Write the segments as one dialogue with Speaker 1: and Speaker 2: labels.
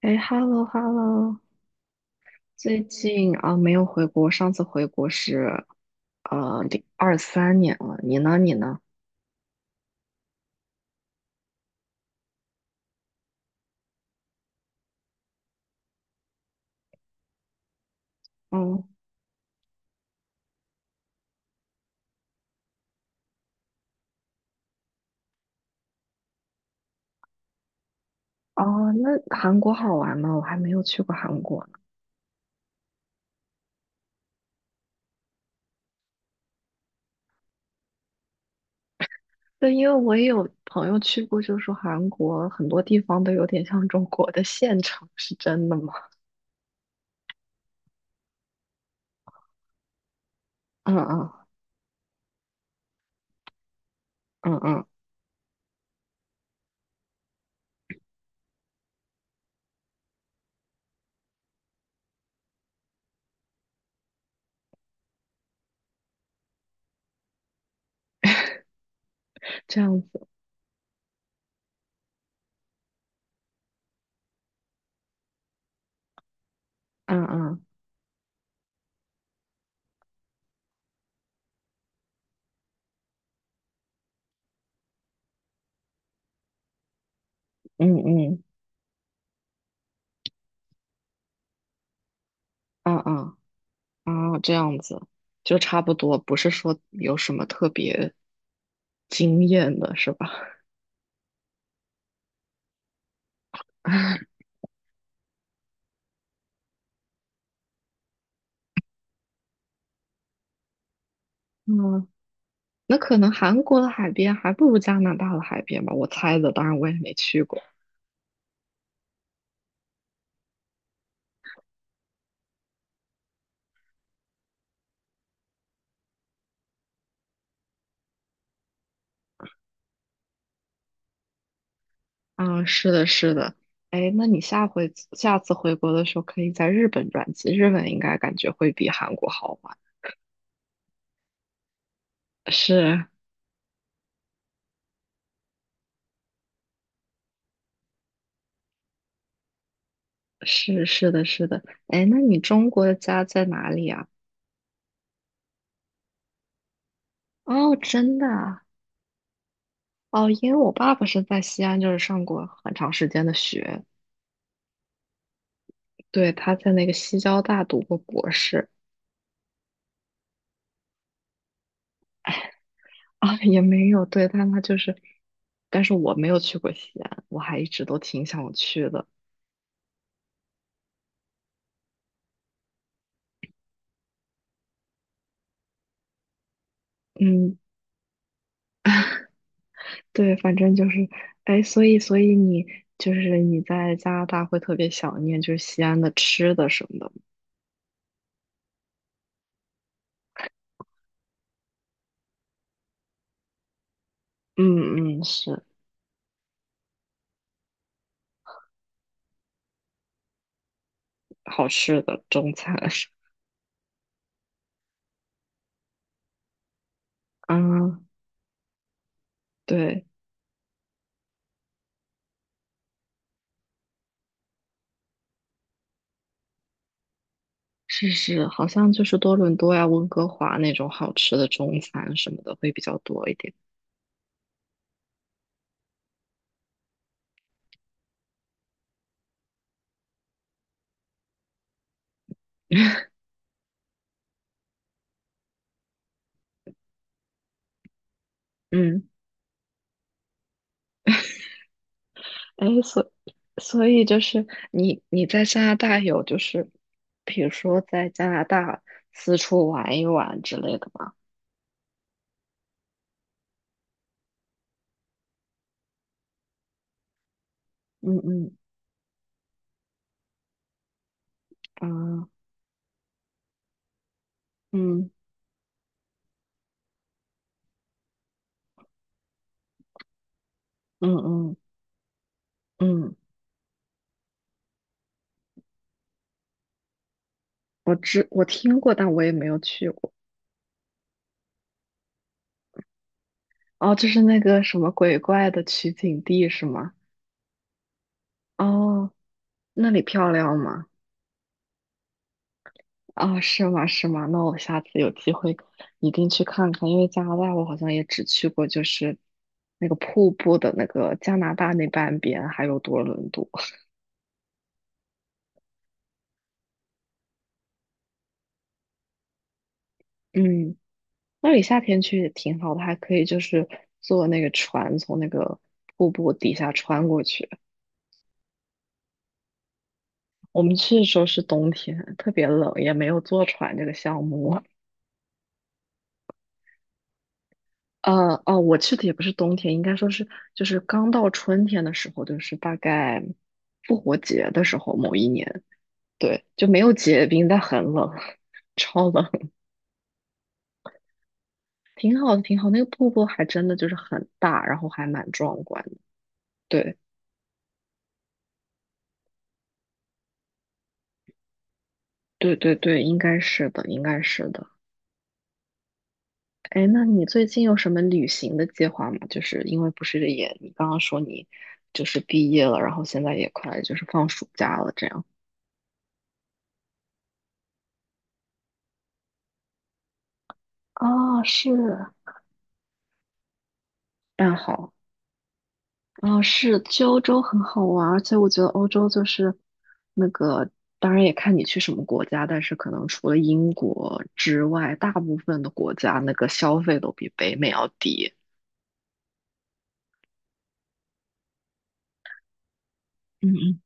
Speaker 1: 哎，hello hello，最近啊、没有回国，上次回国是2023年了。你呢？你呢？嗯。哦，那韩国好玩吗？我还没有去过韩国呢。对，因为我也有朋友去过，就说韩国很多地方都有点像中国的县城，是真的吗？嗯嗯嗯嗯。这样子。嗯嗯嗯嗯嗯嗯，啊这样子就差不多，不是说有什么特别惊艳的，是吧？嗯，那可能韩国的海边还不如加拿大的海边吧，我猜的，当然我也没去过。嗯，是的，是的。哎，那你下次回国的时候，可以在日本转机，日本应该感觉会比韩国好玩。是是是的，是的。哎，那你中国的家在哪里啊？哦，真的啊。哦，因为我爸爸是在西安，就是上过很长时间的学，对，他在那个西交大读过博士。啊，也没有，对，但他就是，但是我没有去过西安，我还一直都挺想去的。嗯。对，反正就是，哎，所以你就是你在加拿大会特别想念就是西安的吃的什么的。嗯嗯，是好吃的中餐。嗯，对，是是，好像就是多伦多呀、温哥华那种好吃的中餐什么的会比较多一点。嗯。哎，所以就是你在加拿大有就是，比如说在加拿大四处玩一玩之类的吗？嗯嗯啊嗯嗯嗯嗯，我听过，但我也没有去过。哦，就是那个什么鬼怪的取景地是吗？哦，那里漂亮吗？啊，是吗？是吗？那我下次有机会一定去看看，因为加拿大我好像也只去过，就是那个瀑布的那个加拿大那半边，还有多伦多。嗯，那里夏天去也挺好的，还可以就是坐那个船从那个瀑布底下穿过去。我们去的时候是冬天，特别冷，也没有坐船这个项目。哦，我去的也不是冬天，应该说是就是刚到春天的时候，就是大概复活节的时候，某一年。对，就没有结冰，但很冷，超冷，挺好的，挺好。那个瀑布还真的就是很大，然后还蛮壮观的。对对对对，应该是的，应该是的。哎，那你最近有什么旅行的计划吗？就是因为不是也，你刚刚说你就是毕业了，然后现在也快就是放暑假了，这样。啊，是，那好。哦，是，去欧洲很好玩儿而且我觉得欧洲就是那个，当然也看你去什么国家，但是可能除了英国之外，大部分的国家那个消费都比北美要低。嗯嗯。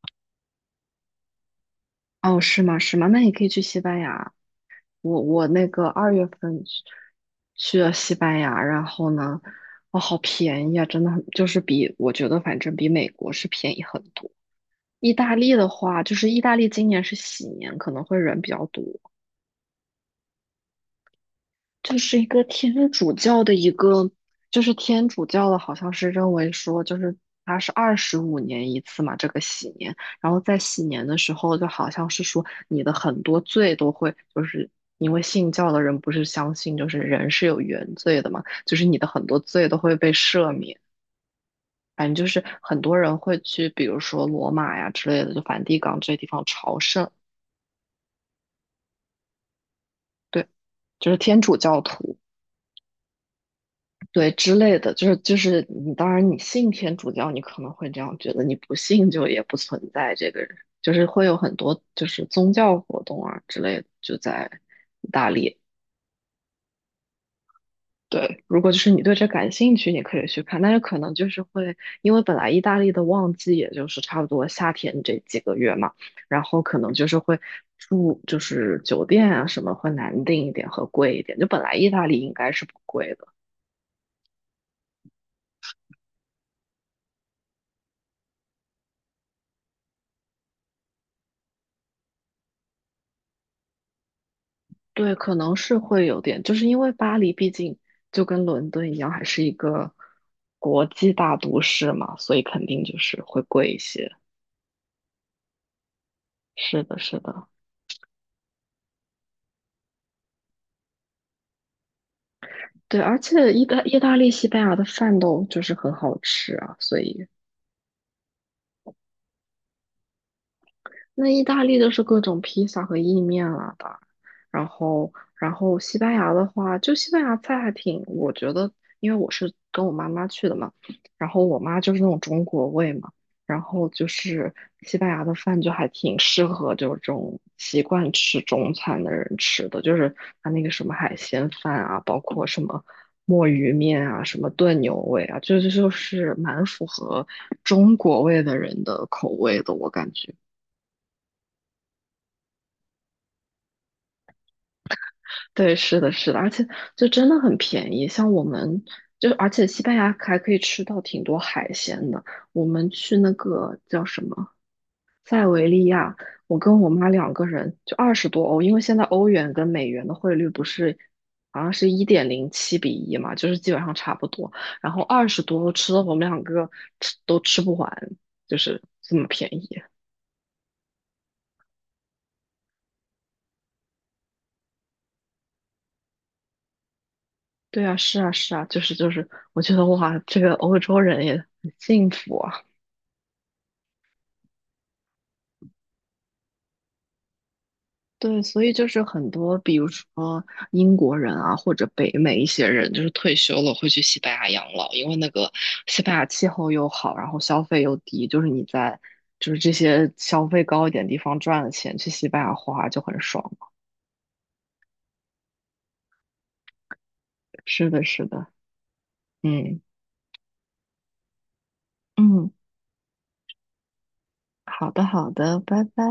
Speaker 1: 哦，是吗？是吗？那你可以去西班牙。我那个2月份去了西班牙，然后呢，哦，好便宜啊，真的很，就是比我觉得反正比美国是便宜很多。意大利的话，就是意大利今年是喜年，可能会人比较多，就是一个天主教的一个，就是天主教的，好像是认为说，就是它是25年一次嘛，这个喜年，然后在喜年的时候，就好像是说你的很多罪都会，就是因为信教的人不是相信就是人是有原罪的嘛，就是你的很多罪都会被赦免。反正就是很多人会去，比如说罗马呀之类的，就梵蒂冈这些地方朝圣，对，就是天主教徒。对之类的，就是你，当然你信天主教，你可能会这样觉得，你不信就也不存在这个人，就是会有很多就是宗教活动啊之类的，就在意大利。对，如果就是你对这感兴趣，你可以去看，但是可能就是会，因为本来意大利的旺季也就是差不多夏天这几个月嘛，然后可能就是会住就是酒店啊什么会难订一点和贵一点，就本来意大利应该是不贵的。对，可能是会有点，就是因为巴黎毕竟就跟伦敦一样，还是一个国际大都市嘛，所以肯定就是会贵一些。是的，是的，对，而且意大利、西班牙的饭都就是很好吃啊，所以那意大利就是各种披萨和意面了吧？然后西班牙的话，就西班牙菜还挺，我觉得，因为我是跟我妈妈去的嘛，然后我妈就是那种中国胃嘛，然后就是西班牙的饭就还挺适合就是这种习惯吃中餐的人吃的，就是它那个什么海鲜饭啊，包括什么墨鱼面啊，什么炖牛尾啊，就是蛮符合中国味的人的口味的，我感觉。对，是的，是的，而且就真的很便宜。像我们就，而且西班牙还可以吃到挺多海鲜的。我们去那个叫什么塞维利亚，我跟我妈两个人就二十多欧，因为现在欧元跟美元的汇率不是好像是1.07比1嘛，就是基本上差不多。然后二十多欧吃的我们两个吃都吃不完，就是这么便宜。对啊，是啊，是啊，就是，我觉得哇，这个欧洲人也很幸福啊。对，所以就是很多，比如说英国人啊，或者北美一些人，就是退休了会去西班牙养老，因为那个西班牙气候又好，然后消费又低，就是你在就是这些消费高一点地方赚了钱，去西班牙花就很爽。是的，是的，嗯嗯，好的，好的，拜拜。